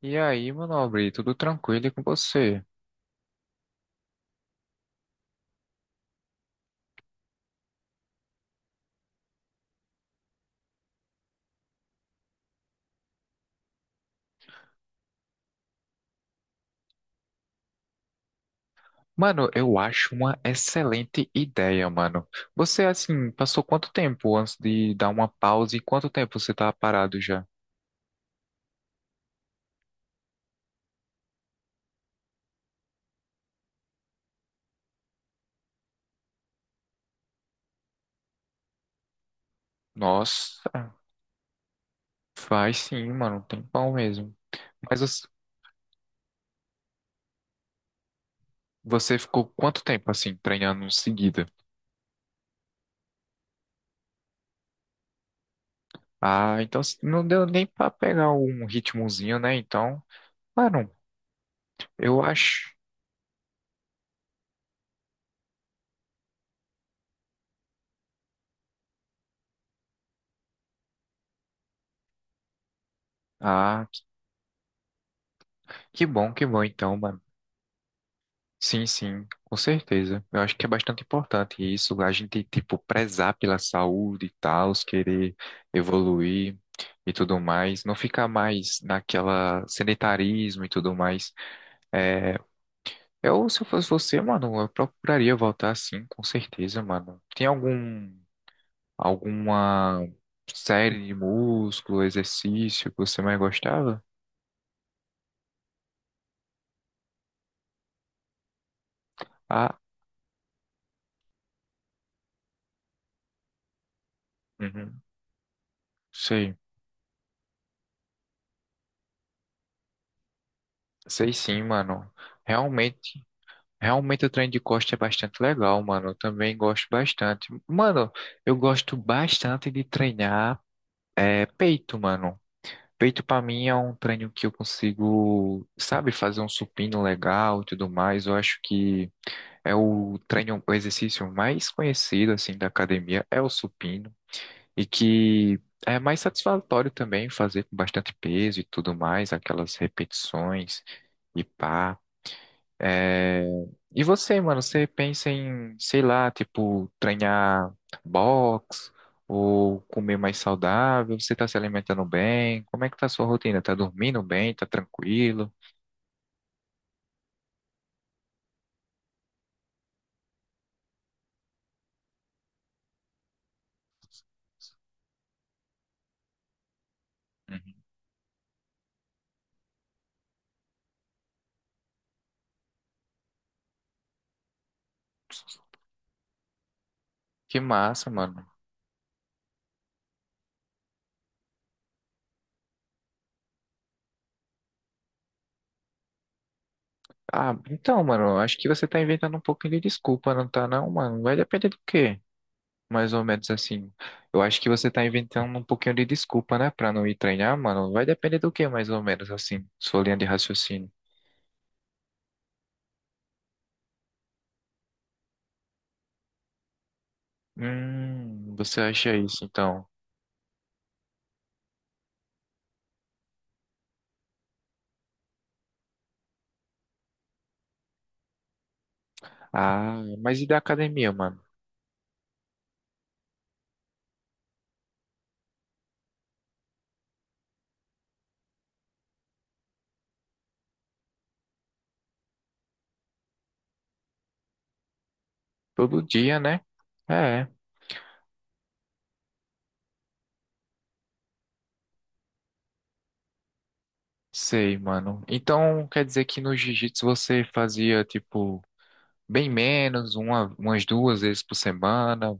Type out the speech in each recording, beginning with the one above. E aí, meu nobre, tudo tranquilo e com você? Mano, eu acho uma excelente ideia, mano. Você, assim, passou quanto tempo antes de dar uma pausa e quanto tempo você tá parado já? Nossa, faz sim, mano, um tempão mesmo. Mas os- Você ficou quanto tempo, assim, treinando em seguida? Ah, então assim, não deu nem pra pegar um ritmozinho, né? Então, mano, eu acho. Ah, que bom então, mano. Sim, sim, com certeza. Eu acho que é bastante importante isso, a gente, tipo, prezar pela saúde e tal, querer evoluir e tudo mais, não ficar mais naquela sedentarismo e tudo mais. É, eu, se eu fosse você, mano, eu procuraria voltar sim, com certeza, mano. Tem algum, alguma série de músculo, exercício que você mais gostava? Ah, uhum, sei, sei sim, mano. Realmente. Realmente o trem de costa é bastante legal, mano. Eu também gosto bastante. Mano, eu gosto bastante de treinar é, peito, mano. Peito pra mim é um treino que eu consigo, sabe, fazer um supino legal e tudo mais. Eu acho que é o treino, o exercício mais conhecido assim da academia é o supino e que é mais satisfatório também fazer com bastante peso e tudo mais, aquelas repetições e pá. É, e você, mano, você pensa em, sei lá, tipo, treinar boxe ou comer mais saudável? Você tá se alimentando bem? Como é que tá a sua rotina? Tá dormindo bem? Tá tranquilo? Uhum. Que massa, mano. Ah, então, mano, acho que você tá inventando um pouquinho de desculpa, não tá não, mano? Vai depender do quê? Mais ou menos assim. Eu acho que você tá inventando um pouquinho de desculpa, né, pra não ir treinar, mano? Vai depender do quê, mais ou menos assim, sua linha de raciocínio. Você acha isso, então? Ah, mas e da academia, mano? Todo dia, né? É, sei, mano. Então, quer dizer que no jiu-jitsu você fazia, tipo, bem menos, uma, umas duas vezes por semana.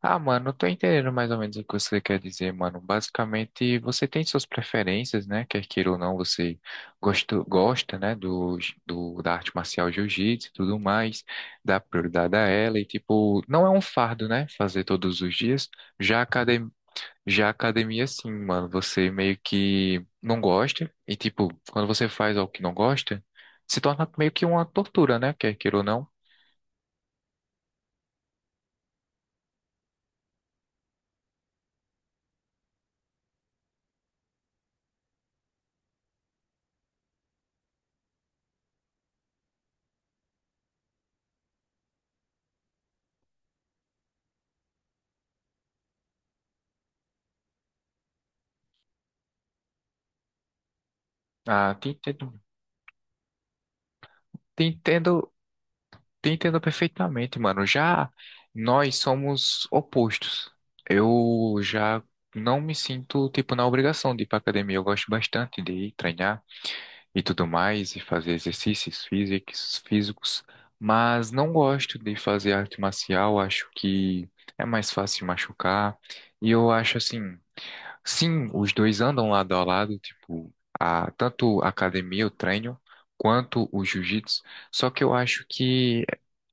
Ah, mano, eu tô entendendo mais ou menos o que você quer dizer, mano. Basicamente, você tem suas preferências, né? Quer queira ou não, você gosta, gosta, né, do, da arte marcial jiu-jitsu e tudo mais, dá prioridade a ela e, tipo, não é um fardo, né, fazer todos os dias. Já a academia, já a academia, sim, mano, você meio que não gosta e, tipo, quando você faz algo que não gosta, se torna meio que uma tortura, né? Quer queira ou não. Ah, te entendo, te entendo te entendo perfeitamente, mano. Já nós somos opostos. Eu já não me sinto, tipo, na obrigação de ir pra academia. Eu gosto bastante de ir treinar e tudo mais, e fazer exercícios físicos, físicos, mas não gosto de fazer arte marcial. Acho que é mais fácil machucar. E eu acho assim. Sim, os dois andam lado a lado, tipo, a, tanto a academia, o treino, quanto o jiu-jitsu. Só que eu acho que,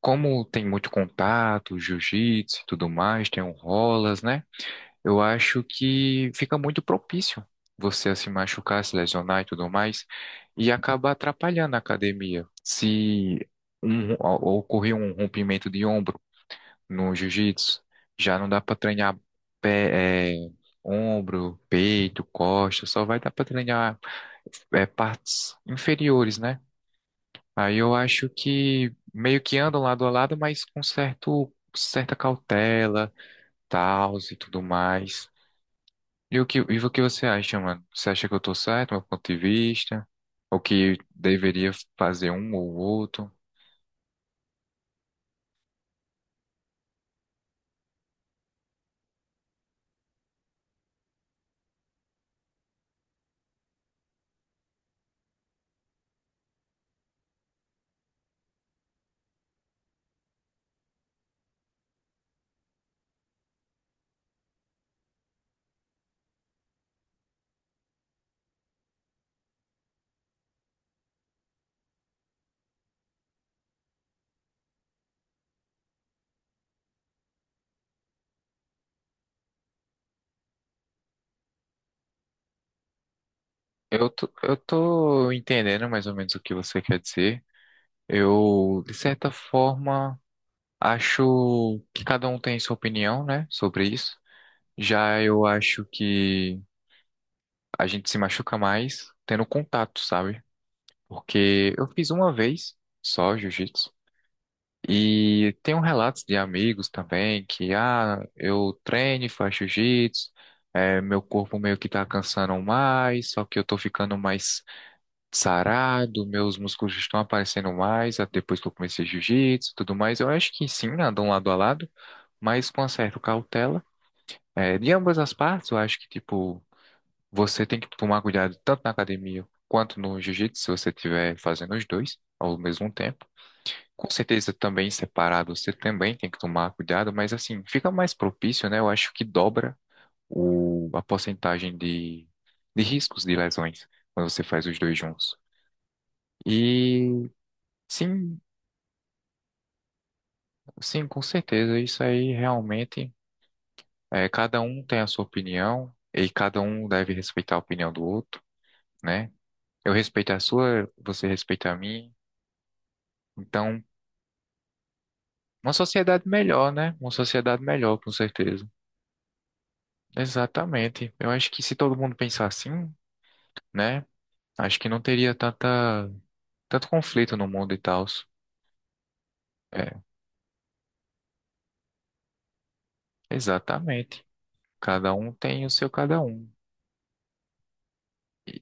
como tem muito contato, jiu-jitsu e tudo mais, tem um rolas, né? Eu acho que fica muito propício você a se machucar, se lesionar e tudo mais, e acaba atrapalhando a academia. Se um, ocorrer um rompimento de ombro, no jiu-jitsu, já não dá para treinar pé, é, ombro, peito, costa, só vai dar para treinar é, partes inferiores, né? Aí eu acho que meio que andam lado a lado, mas com certo, certa cautela, tals e tudo mais. E o que você acha, mano? Você acha que eu tô certo, meu ponto de vista? Ou que deveria fazer um ou outro? Eu tô entendendo mais ou menos o que você quer dizer. Eu, de certa forma, acho que cada um tem sua opinião, né, sobre isso. Já eu acho que a gente se machuca mais tendo contato, sabe? Porque eu fiz uma vez só jiu-jitsu. E tem um relatos de amigos também que, ah, eu treino e faço jiu-jitsu, é, meu corpo meio que tá cansando mais, só que eu tô ficando mais sarado, meus músculos estão aparecendo mais ah, depois que eu comecei jiu-jitsu e tudo mais. Eu acho que sim, andam lado a lado, mas com uma certa cautela. É, de ambas as partes, eu acho que, tipo, você tem que tomar cuidado tanto na academia quanto no jiu-jitsu, se você estiver fazendo os dois ao mesmo tempo. Com certeza, também separado, você também tem que tomar cuidado, mas assim, fica mais propício, né? Eu acho que dobra o, a porcentagem de riscos de lesões quando você faz os dois juntos. E sim, sim, com certeza. Isso aí realmente é, cada um tem a sua opinião e cada um deve respeitar a opinião do outro, né? Eu respeito a sua, você respeita a minha. Então, uma sociedade melhor, né? Uma sociedade melhor, com certeza. Exatamente. Eu acho que se todo mundo pensar assim, né? Acho que não teria tanta, tanto conflito no mundo e tal. É, exatamente. Cada um tem o seu cada um. E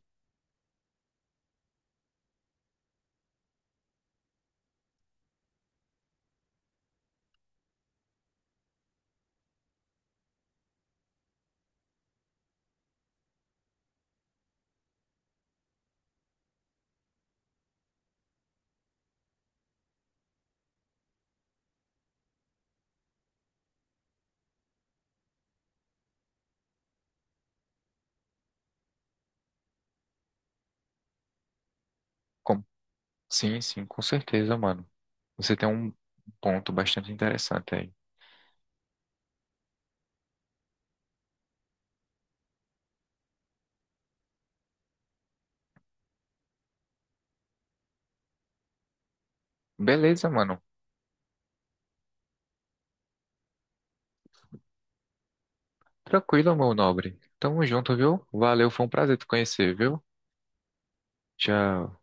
sim, sim, com certeza, mano. Você tem um ponto bastante interessante aí. Beleza, mano. Tranquilo, meu nobre. Tamo junto, viu? Valeu, foi um prazer te conhecer, viu? Tchau.